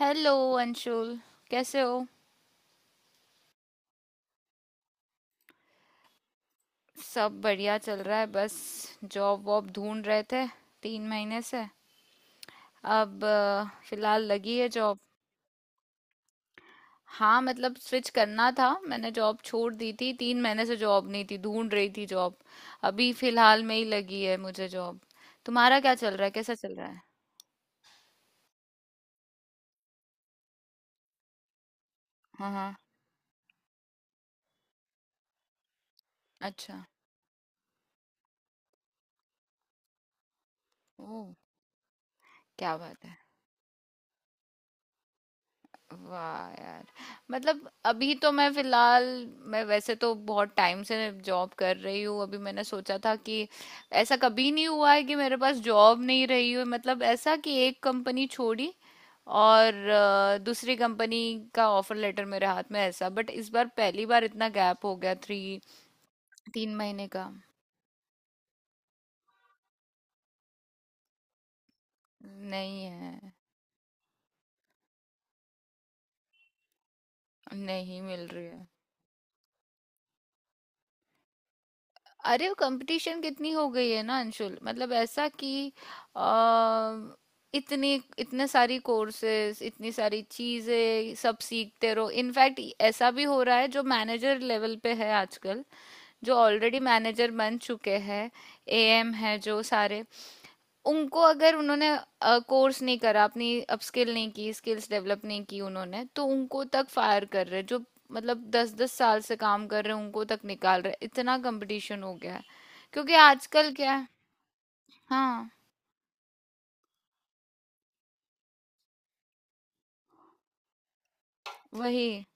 Hello Anshul. कैसे हो। सब बढ़िया चल रहा है। बस जॉब वॉब ढूंढ रहे थे 3 महीने से। अब फिलहाल लगी है जॉब। हाँ मतलब स्विच करना था, मैंने जॉब छोड़ दी थी। 3 महीने से जॉब नहीं थी, ढूंढ रही थी जॉब। अभी फिलहाल में ही लगी है मुझे जॉब। तुम्हारा क्या चल रहा है, कैसा चल रहा है? हाँ, हाँ। अच्छा। ओह। क्या बात है। वाह यार। मतलब अभी तो मैं फिलहाल, मैं वैसे तो बहुत टाइम से जॉब कर रही हूँ। अभी मैंने सोचा था कि ऐसा कभी नहीं हुआ है कि मेरे पास जॉब नहीं रही हो। मतलब ऐसा कि एक कंपनी छोड़ी और दूसरी कंपनी का ऑफर लेटर मेरे हाथ में ऐसा। बट इस बार पहली बार इतना गैप हो गया, 3, 3 महीने का। नहीं है। नहीं मिल रही है। अरे वो कंपटीशन कितनी हो गई है ना अंशुल। मतलब ऐसा कि अ, इतने इतने सारी कोर्सेज, इतनी सारी चीजें सब सीखते रहो। इनफैक्ट ऐसा भी हो रहा है, जो मैनेजर लेवल पे है आजकल, जो ऑलरेडी मैनेजर बन चुके हैं, एएम है जो सारे, उनको अगर उन्होंने कोर्स नहीं करा, अपनी अपस्किल नहीं की, स्किल्स डेवलप नहीं की उन्होंने, तो उनको तक फायर कर रहे हैं। जो मतलब दस दस साल से काम कर रहे हैं, उनको तक निकाल रहे हैं। इतना कंपटीशन हो गया है। क्योंकि आजकल क्या है। हाँ। वही।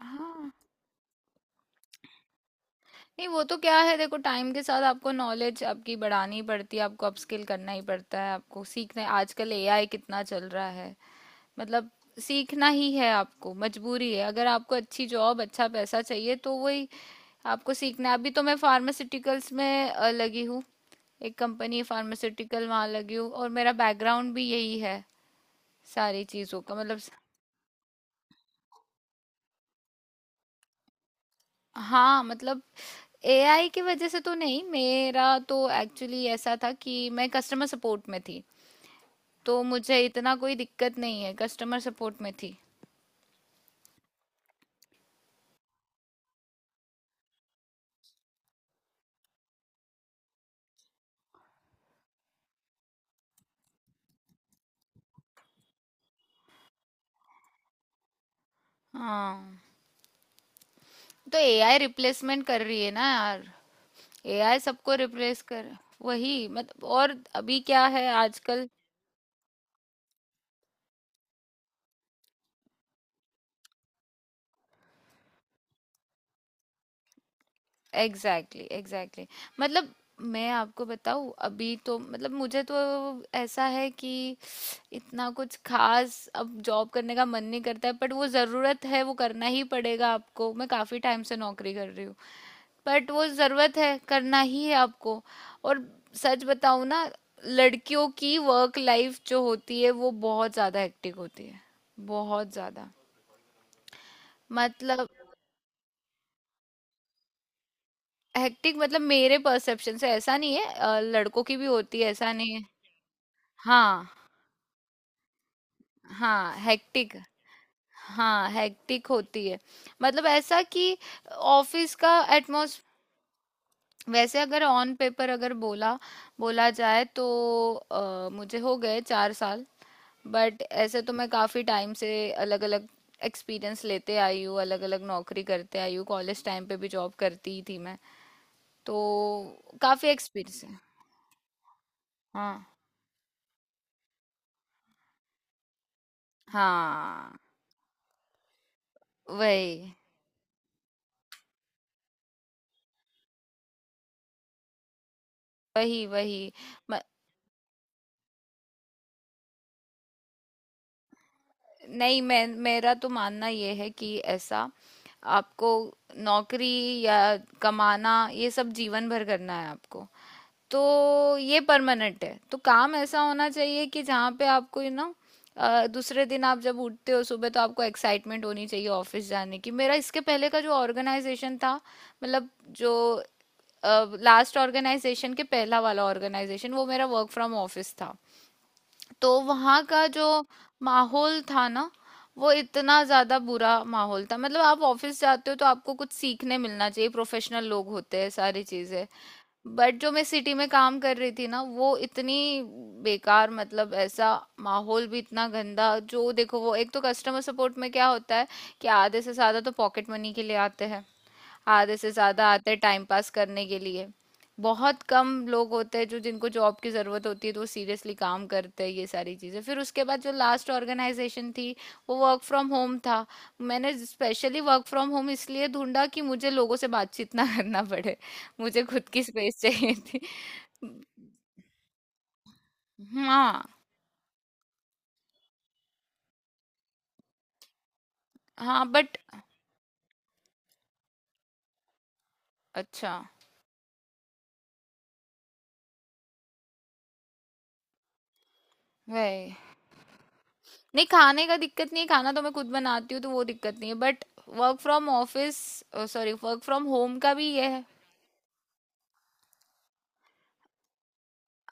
हाँ। नहीं वो तो क्या है, देखो टाइम के साथ आपको नॉलेज आपकी बढ़ानी पड़ती है, आपको अपस्किल करना ही पड़ता है, आपको सीखना है। आजकल एआई कितना चल रहा है। मतलब सीखना ही है आपको, मजबूरी है। अगर आपको अच्छी जॉब अच्छा पैसा चाहिए तो वही, आपको सीखना है। अभी तो मैं फार्मास्यूटिकल्स में लगी हूँ। एक कंपनी है फार्मास्यूटिकल, वहाँ लगी हूँ। और मेरा बैकग्राउंड भी यही है, सारी चीज़ों का मतलब। हाँ मतलब एआई की वजह से तो नहीं। मेरा तो एक्चुअली ऐसा था कि मैं कस्टमर सपोर्ट में थी, तो मुझे इतना कोई दिक्कत नहीं है, कस्टमर सपोर्ट में थी। हाँ तो एआई रिप्लेसमेंट कर रही है ना यार। एआई सबको रिप्लेस कर। वही मतलब, और अभी क्या है आजकल। Exactly, exactly. मतलब मैं आपको बताऊं, अभी तो मतलब मुझे तो ऐसा है कि इतना कुछ खास अब जॉब करने का मन नहीं करता है। बट वो ज़रूरत है, वो करना ही पड़ेगा आपको। मैं काफ़ी टाइम से नौकरी कर रही हूँ, बट वो ज़रूरत है, करना ही है आपको। और सच बताऊं ना, लड़कियों की वर्क लाइफ जो होती है वो बहुत ज़्यादा हेक्टिक होती है, बहुत ज़्यादा। मतलब। हेक्टिक मतलब मेरे परसेप्शन से ऐसा नहीं है, लड़कों की भी होती है, ऐसा नहीं है। हाँ, हाँ, हेक्टिक। हाँ, हेक्टिक होती है। मतलब ऐसा कि ऑफिस का एटमोस, वैसे अगर ऑन पेपर अगर बोला बोला जाए तो मुझे हो गए 4 साल। बट ऐसे तो मैं काफी टाइम से अलग अलग एक्सपीरियंस लेते आई हूँ, अलग अलग नौकरी करते आई हूँ। कॉलेज टाइम पे भी जॉब करती ही थी मैं, तो काफी एक्सपीरियंस है। हाँ, हाँ। वही, वही, वही। म, नहीं, मैं मेरा तो मानना ये है कि ऐसा, आपको नौकरी या कमाना ये सब जीवन भर करना है आपको। तो ये परमानेंट है, तो काम ऐसा होना चाहिए कि जहाँ पे आपको दूसरे दिन आप जब उठते हो सुबह तो आपको एक्साइटमेंट होनी चाहिए ऑफिस जाने की। मेरा इसके पहले का जो ऑर्गेनाइजेशन था, मतलब जो लास्ट ऑर्गेनाइजेशन के पहला वाला ऑर्गेनाइजेशन, वो मेरा वर्क फ्रॉम ऑफिस था। तो वहाँ का जो माहौल था ना, वो इतना ज़्यादा बुरा माहौल था। मतलब आप ऑफिस जाते हो तो आपको कुछ सीखने मिलना चाहिए, प्रोफेशनल लोग होते हैं, सारी चीज़ें। बट जो मैं सिटी में काम कर रही थी ना, वो इतनी बेकार, मतलब ऐसा, माहौल भी इतना गंदा। जो देखो, वो एक तो कस्टमर सपोर्ट में क्या होता है कि आधे से ज़्यादा तो पॉकेट मनी के लिए आते हैं, आधे से ज्यादा आते हैं टाइम पास करने के लिए, बहुत कम लोग होते हैं जो, जिनको जॉब की जरूरत होती है तो वो सीरियसली काम करते हैं, ये सारी चीजें। फिर उसके बाद जो लास्ट ऑर्गेनाइजेशन थी, वो वर्क फ्रॉम होम था। मैंने स्पेशली वर्क फ्रॉम होम इसलिए ढूंढा कि मुझे लोगों से बातचीत ना करना पड़े। मुझे खुद की स्पेस चाहिए थी। हाँ, हाँ। बट अच्छा, वही। नहीं खाने का दिक्कत नहीं है, खाना तो मैं खुद बनाती हूँ, तो वो दिक्कत नहीं है। But work from office, sorry, work from home का भी ये है।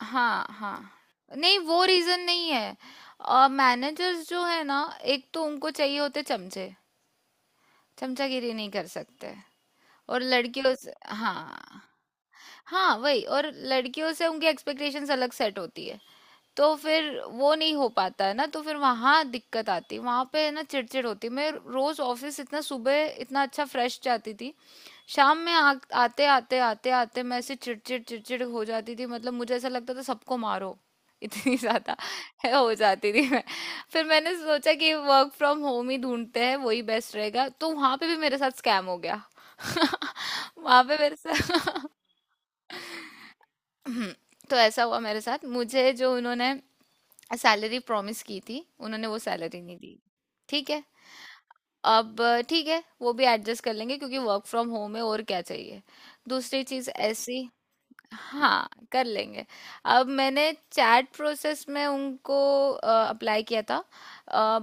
हाँ, हाँ। नहीं वो रीजन नहीं है। मैनेजर्स जो है ना, एक तो उनको चाहिए होते चमचे, चमचागिरी नहीं कर सकते, और लड़कियों से, हाँ। हाँ वही, और लड़कियों से उनकी एक्सपेक्टेशंस अलग सेट होती है। तो फिर वो नहीं हो पाता है ना, तो फिर वहाँ दिक्कत आती है, वहाँ पे है ना चिड़चिड़ होती है। मैं रोज ऑफिस इतना सुबह इतना अच्छा फ्रेश जाती थी, शाम में आते आते आते आते मैं ऐसे चिड़चिड़ चिड़चिड़ हो जाती थी। मतलब मुझे ऐसा लगता था सबको मारो, इतनी ज्यादा है, हो जाती थी मैं। फिर मैंने सोचा कि वर्क फ्रॉम होम ही ढूंढते हैं, वही बेस्ट रहेगा। तो वहां पे भी मेरे साथ स्कैम हो गया। वहाँ पे मेरे साथ। तो ऐसा हुआ मेरे साथ, मुझे जो उन्होंने सैलरी प्रॉमिस की थी, उन्होंने वो सैलरी नहीं दी। ठीक है। अब ठीक है, वो भी एडजस्ट कर लेंगे, क्योंकि वर्क फ्रॉम होम है, और क्या चाहिए। दूसरी चीज ऐसी। हाँ कर लेंगे। अब मैंने चैट प्रोसेस में उनको अप्लाई किया था,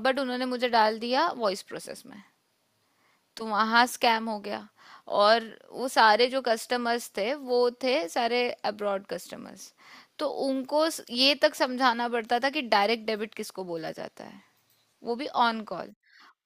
बट उन्होंने मुझे डाल दिया वॉइस प्रोसेस में, तो वहाँ स्कैम हो गया। और वो सारे जो कस्टमर्स थे वो थे सारे अब्रॉड कस्टमर्स, तो उनको ये तक समझाना पड़ता था कि डायरेक्ट डेबिट किसको बोला जाता है, वो भी on call.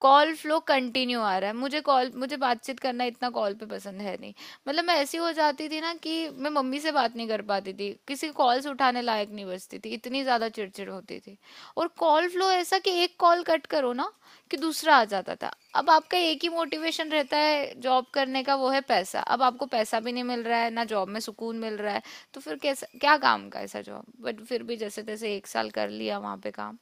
Call flow continue आ रहा है, मुझे कॉल, मुझे बातचीत करना इतना कॉल पे पसंद है नहीं। मतलब मैं ऐसी हो जाती थी ना कि मैं मम्मी से बात नहीं कर पाती थी, किसी की कॉल्स उठाने लायक नहीं बचती थी, इतनी ज़्यादा चिड़चिड़ होती थी। और कॉल फ्लो ऐसा कि एक कॉल कट करो ना कि दूसरा आ जाता था। अब आपका एक ही मोटिवेशन रहता है जॉब करने का, वो है पैसा। अब आपको पैसा भी नहीं मिल रहा है, ना जॉब में सुकून मिल रहा है, तो फिर कैसा क्या काम का ऐसा जॉब। बट फिर भी जैसे तैसे एक साल कर लिया वहाँ पे काम।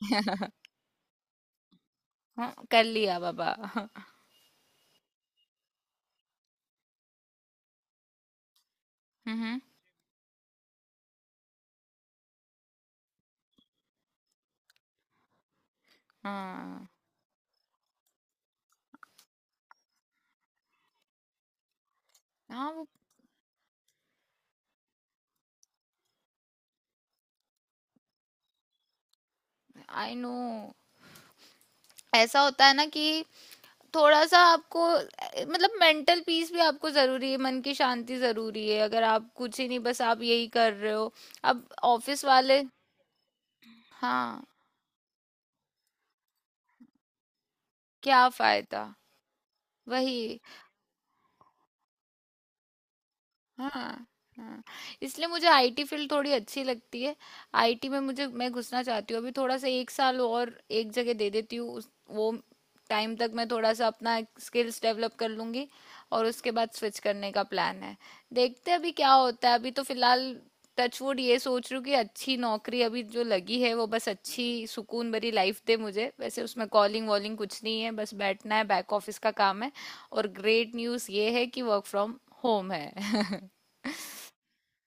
हाँ कर लिया बाबा। हम्म। हाँ, हाँ वो। आई नो, ऐसा होता है ना कि थोड़ा सा आपको मतलब मेंटल पीस भी आपको जरूरी है, मन की शांति जरूरी है। अगर आप कुछ ही नहीं, बस आप यही कर रहे हो। अब ऑफिस वाले। हाँ। क्या फायदा। वही। हाँ, हाँ। इसलिए मुझे आईटी फील्ड थोड़ी अच्छी लगती है। आईटी में मुझे, मैं घुसना चाहती हूँ। अभी थोड़ा सा एक साल और, एक जगह दे देती हूँ उस, वो टाइम तक मैं थोड़ा सा अपना स्किल्स डेवलप कर लूँगी। और उसके बाद स्विच करने का प्लान है। देखते हैं अभी क्या होता है। अभी तो फिलहाल टचवुड ये सोच रही हूँ कि अच्छी नौकरी अभी जो लगी है वो बस अच्छी सुकून भरी लाइफ दे मुझे। वैसे उसमें कॉलिंग वॉलिंग कुछ नहीं है, बस बैठना है, बैक ऑफिस का काम है। और ग्रेट न्यूज़ ये है कि वर्क फ्रॉम होम है।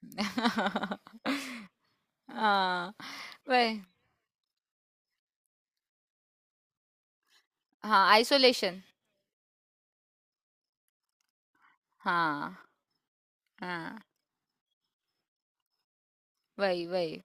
हाँ वही। हाँ, आइसोलेशन। हाँ, हाँ। वही, वही।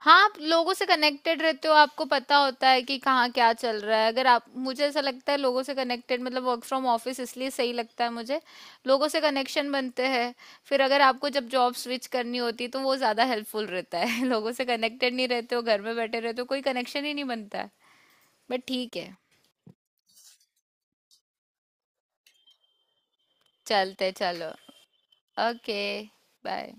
हाँ आप लोगों से कनेक्टेड रहते हो, आपको पता होता है कि कहाँ क्या चल रहा है। अगर आप, मुझे ऐसा लगता है लोगों से कनेक्टेड मतलब वर्क फ्रॉम ऑफिस इसलिए सही लगता है मुझे, लोगों से कनेक्शन बनते हैं। फिर अगर आपको जब जॉब स्विच करनी होती है तो वो ज़्यादा हेल्पफुल रहता है। लोगों से कनेक्टेड नहीं रहते हो, घर में बैठे रहते हो, कोई कनेक्शन ही नहीं बनता है। बट ठीक है। चलते चलो। ओके। बाय।